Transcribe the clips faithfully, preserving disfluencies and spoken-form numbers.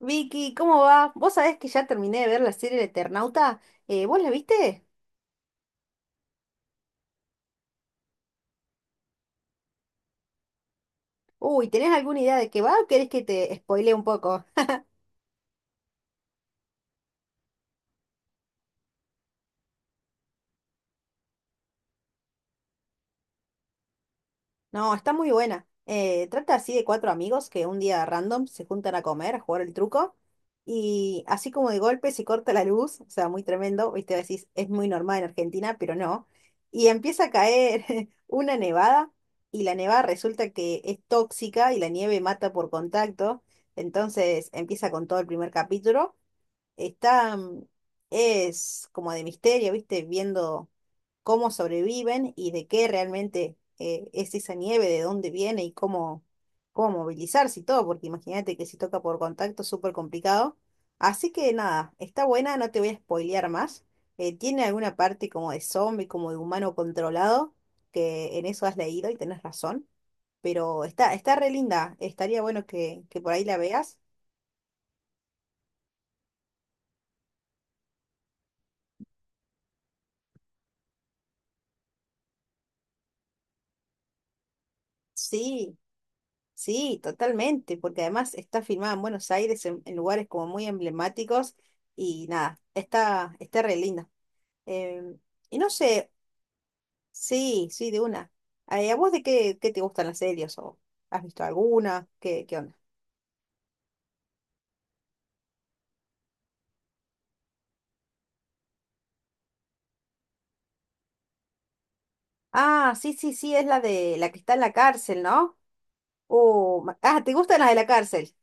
Vicky, ¿cómo va? Vos sabés que ya terminé de ver la serie El Eternauta. Eh, ¿vos la viste? Uy, ¿tenés alguna idea de qué va o querés que te spoile un poco? No, está muy buena. Eh, trata así de cuatro amigos que un día random se juntan a comer, a jugar el truco, y así como de golpe se corta la luz, o sea, muy tremendo, viste, decís, es muy normal en Argentina, pero no. Y empieza a caer una nevada, y la nevada resulta que es tóxica y la nieve mata por contacto, entonces empieza con todo el primer capítulo. Está, mm, es como de misterio, ¿viste? Viendo cómo sobreviven y de qué realmente eh, es esa nieve, de dónde viene y cómo, cómo movilizarse y todo, porque imagínate que si toca por contacto es súper complicado. Así que nada, está buena, no te voy a spoilear más. Eh, tiene alguna parte como de zombie, como de humano controlado, que en eso has leído y tenés razón. Pero está, está re linda, estaría bueno que, que por ahí la veas. Sí. Sí, totalmente, porque además está filmada en Buenos Aires, en, en lugares como muy emblemáticos, y nada, está, está re linda. Em, y no sé, sí, sí, de una. Eh, ¿a vos de qué, qué te gustan las series? ¿O has visto alguna? ¿Qué, qué onda? Ah, sí, sí, sí, es la de la que está en la cárcel, ¿no? Oh, ma- ah, ¿te gustan las de la cárcel?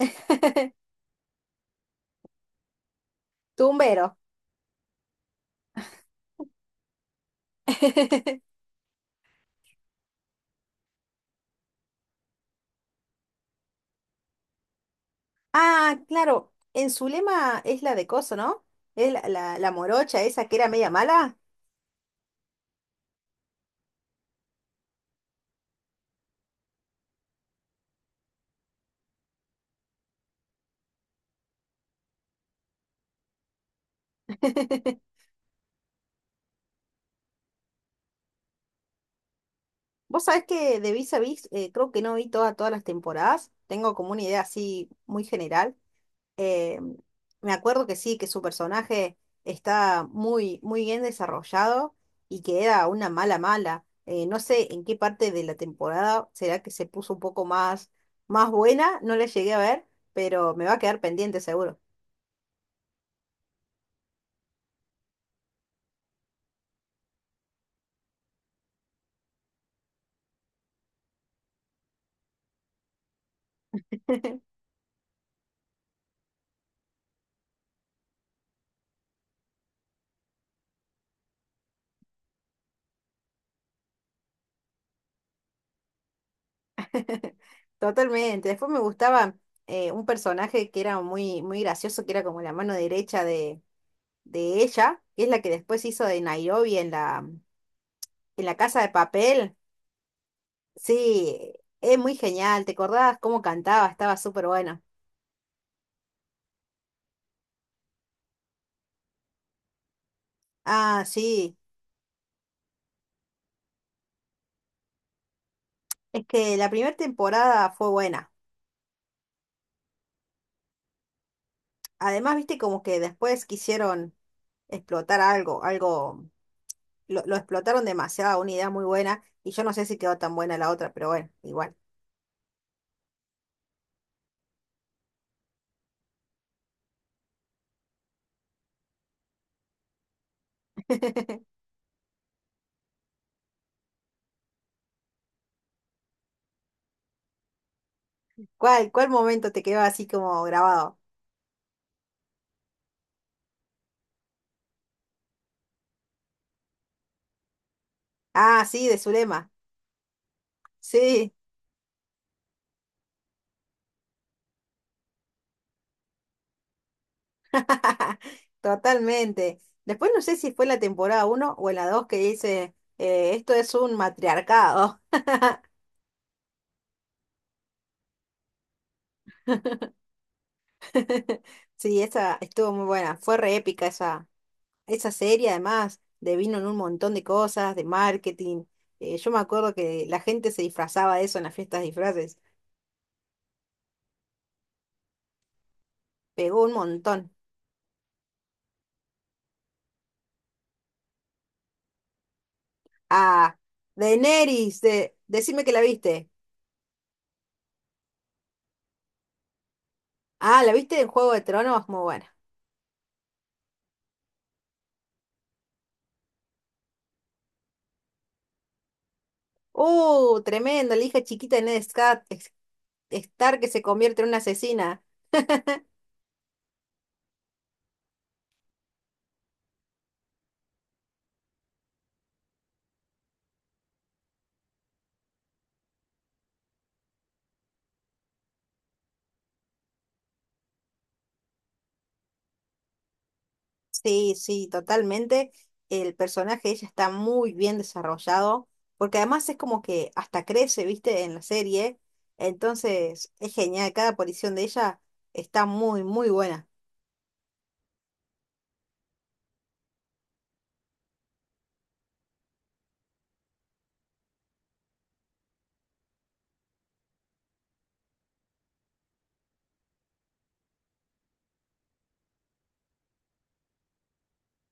Tumbero. Ah, claro, en Zulema es la de coso, ¿no? Es la, la, la morocha esa que era media mala. Vos sabés que de Vis a Vis eh, creo que no vi toda- todas las temporadas, tengo como una idea así muy general. Eh, Me acuerdo que sí, que su personaje está muy, muy bien desarrollado y que era una mala mala. Eh, no sé en qué parte de la temporada será que se puso un poco más, más buena, no la llegué a ver, pero me va a quedar pendiente seguro. Totalmente. Después me gustaba eh, un personaje que era muy, muy gracioso, que era como la mano derecha de ella, que es la que después hizo de Nairobi en la, en la Casa de Papel. Sí, es muy genial, ¿te acordás cómo cantaba? Estaba súper buena. Ah, sí, es que la primera temporada fue buena. Además, viste como que después quisieron explotar algo, algo, lo, lo explotaron demasiado, una idea muy buena, y yo no sé si quedó tan buena la otra, pero bueno, igual. ¿Cuál, cuál momento te quedó así como grabado? Ah, sí, de Zulema. Sí. Totalmente. Después no sé si fue la temporada uno o en la dos que dice, eh, esto es un matriarcado. Sí, esa estuvo muy buena. Fue re épica esa, esa serie, además, devino en un montón de cosas, de marketing. Eh, yo me acuerdo que la gente se disfrazaba de eso en las fiestas de disfraces. Pegó un montón. Ah, Daenerys, de, decime que la viste. Ah, ¿la viste en Juego de Tronos? Muy buena. ¡Uh, tremendo! La hija chiquita de Ned Scar- es- Stark que se convierte en una asesina. Sí, sí, totalmente. El personaje de ella está muy bien desarrollado, porque además es como que hasta crece, ¿viste? En la serie. Entonces, es genial. Cada aparición de ella está muy, muy buena.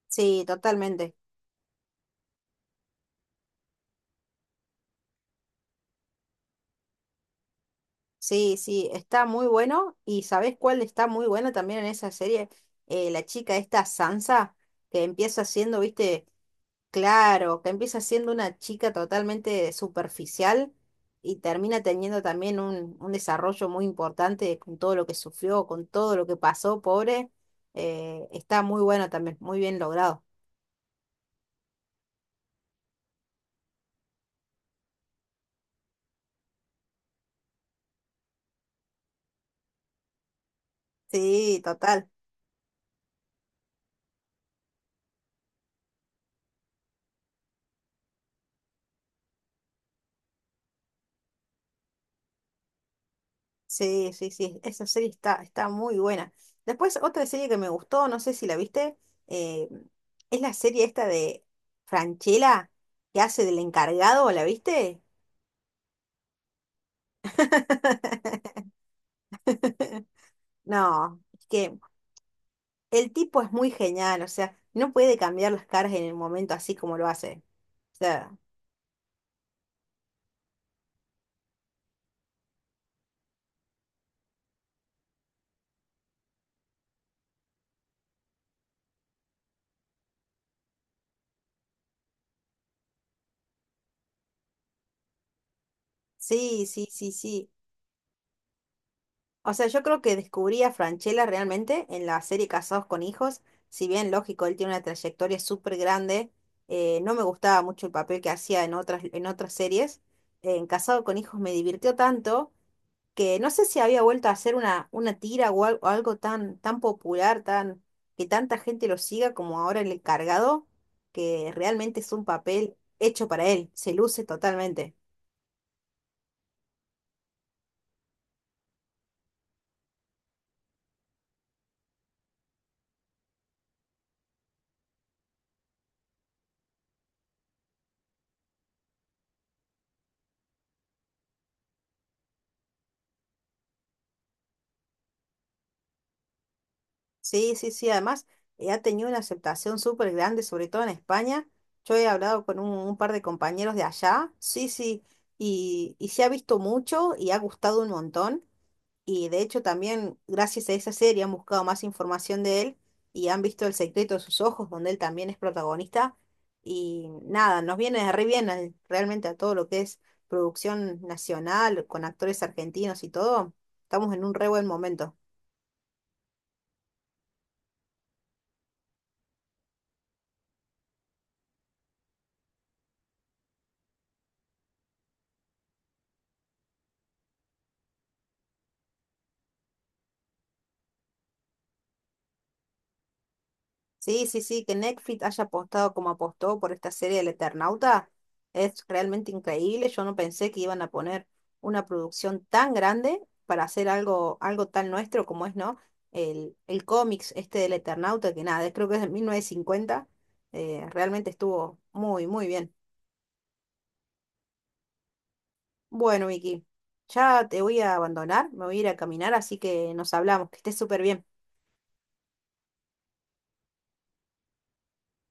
Sí, totalmente. Sí, sí, está muy bueno. ¿Y sabés cuál está muy buena también en esa serie? Eh, la chica esta Sansa, que empieza siendo, ¿viste? Claro, que empieza siendo una chica totalmente superficial y termina teniendo también un, un desarrollo muy importante con todo lo que sufrió, con todo lo que pasó, pobre. Eh, está muy bueno también, muy bien logrado. Sí, total. Sí, sí, sí. Esa serie está, está muy buena. Después, otra serie que me gustó, no sé si la viste, eh, es la serie esta de Franchella, que hace del encargado, ¿la viste? No, es que el tipo es muy genial, o sea, no puede cambiar las caras en el momento así como lo hace. O sea, sí, sí, sí, sí. O sea, yo creo que descubrí a Francella realmente en la serie Casados con Hijos. Si bien, lógico, él tiene una trayectoria súper grande, eh, no me gustaba mucho el papel que hacía en otras, en otras series. En Casado con Hijos me divirtió tanto que no sé si había vuelto a hacer una, una tira o al- o algo, tan, tan popular, tan, que tanta gente lo siga como ahora el encargado, que realmente es un papel hecho para él, se luce totalmente. Sí, sí, sí, además eh, ha tenido una aceptación súper grande, sobre todo en España. Yo he hablado con un, un par de compañeros de allá, sí, sí, y, y se ha visto mucho y ha gustado un montón. Y de hecho también gracias a esa serie han buscado más información de él y han visto El secreto de sus ojos, donde él también es protagonista. Y nada, nos viene re bien al- realmente a todo lo que es producción nacional, con actores argentinos y todo. Estamos en un re buen momento. Sí, sí, sí, que Netflix haya apostado como apostó por esta serie del Eternauta es realmente increíble. Yo no pensé que iban a poner una producción tan grande para hacer algo, algo tan nuestro como es, ¿no? El, el cómics este del Eternauta, que nada, creo que es de mil novecientos cincuenta. Eh, realmente estuvo muy, muy bien. Bueno, Vicky, ya te voy a abandonar, me voy a ir a caminar, así que nos hablamos, que estés súper bien.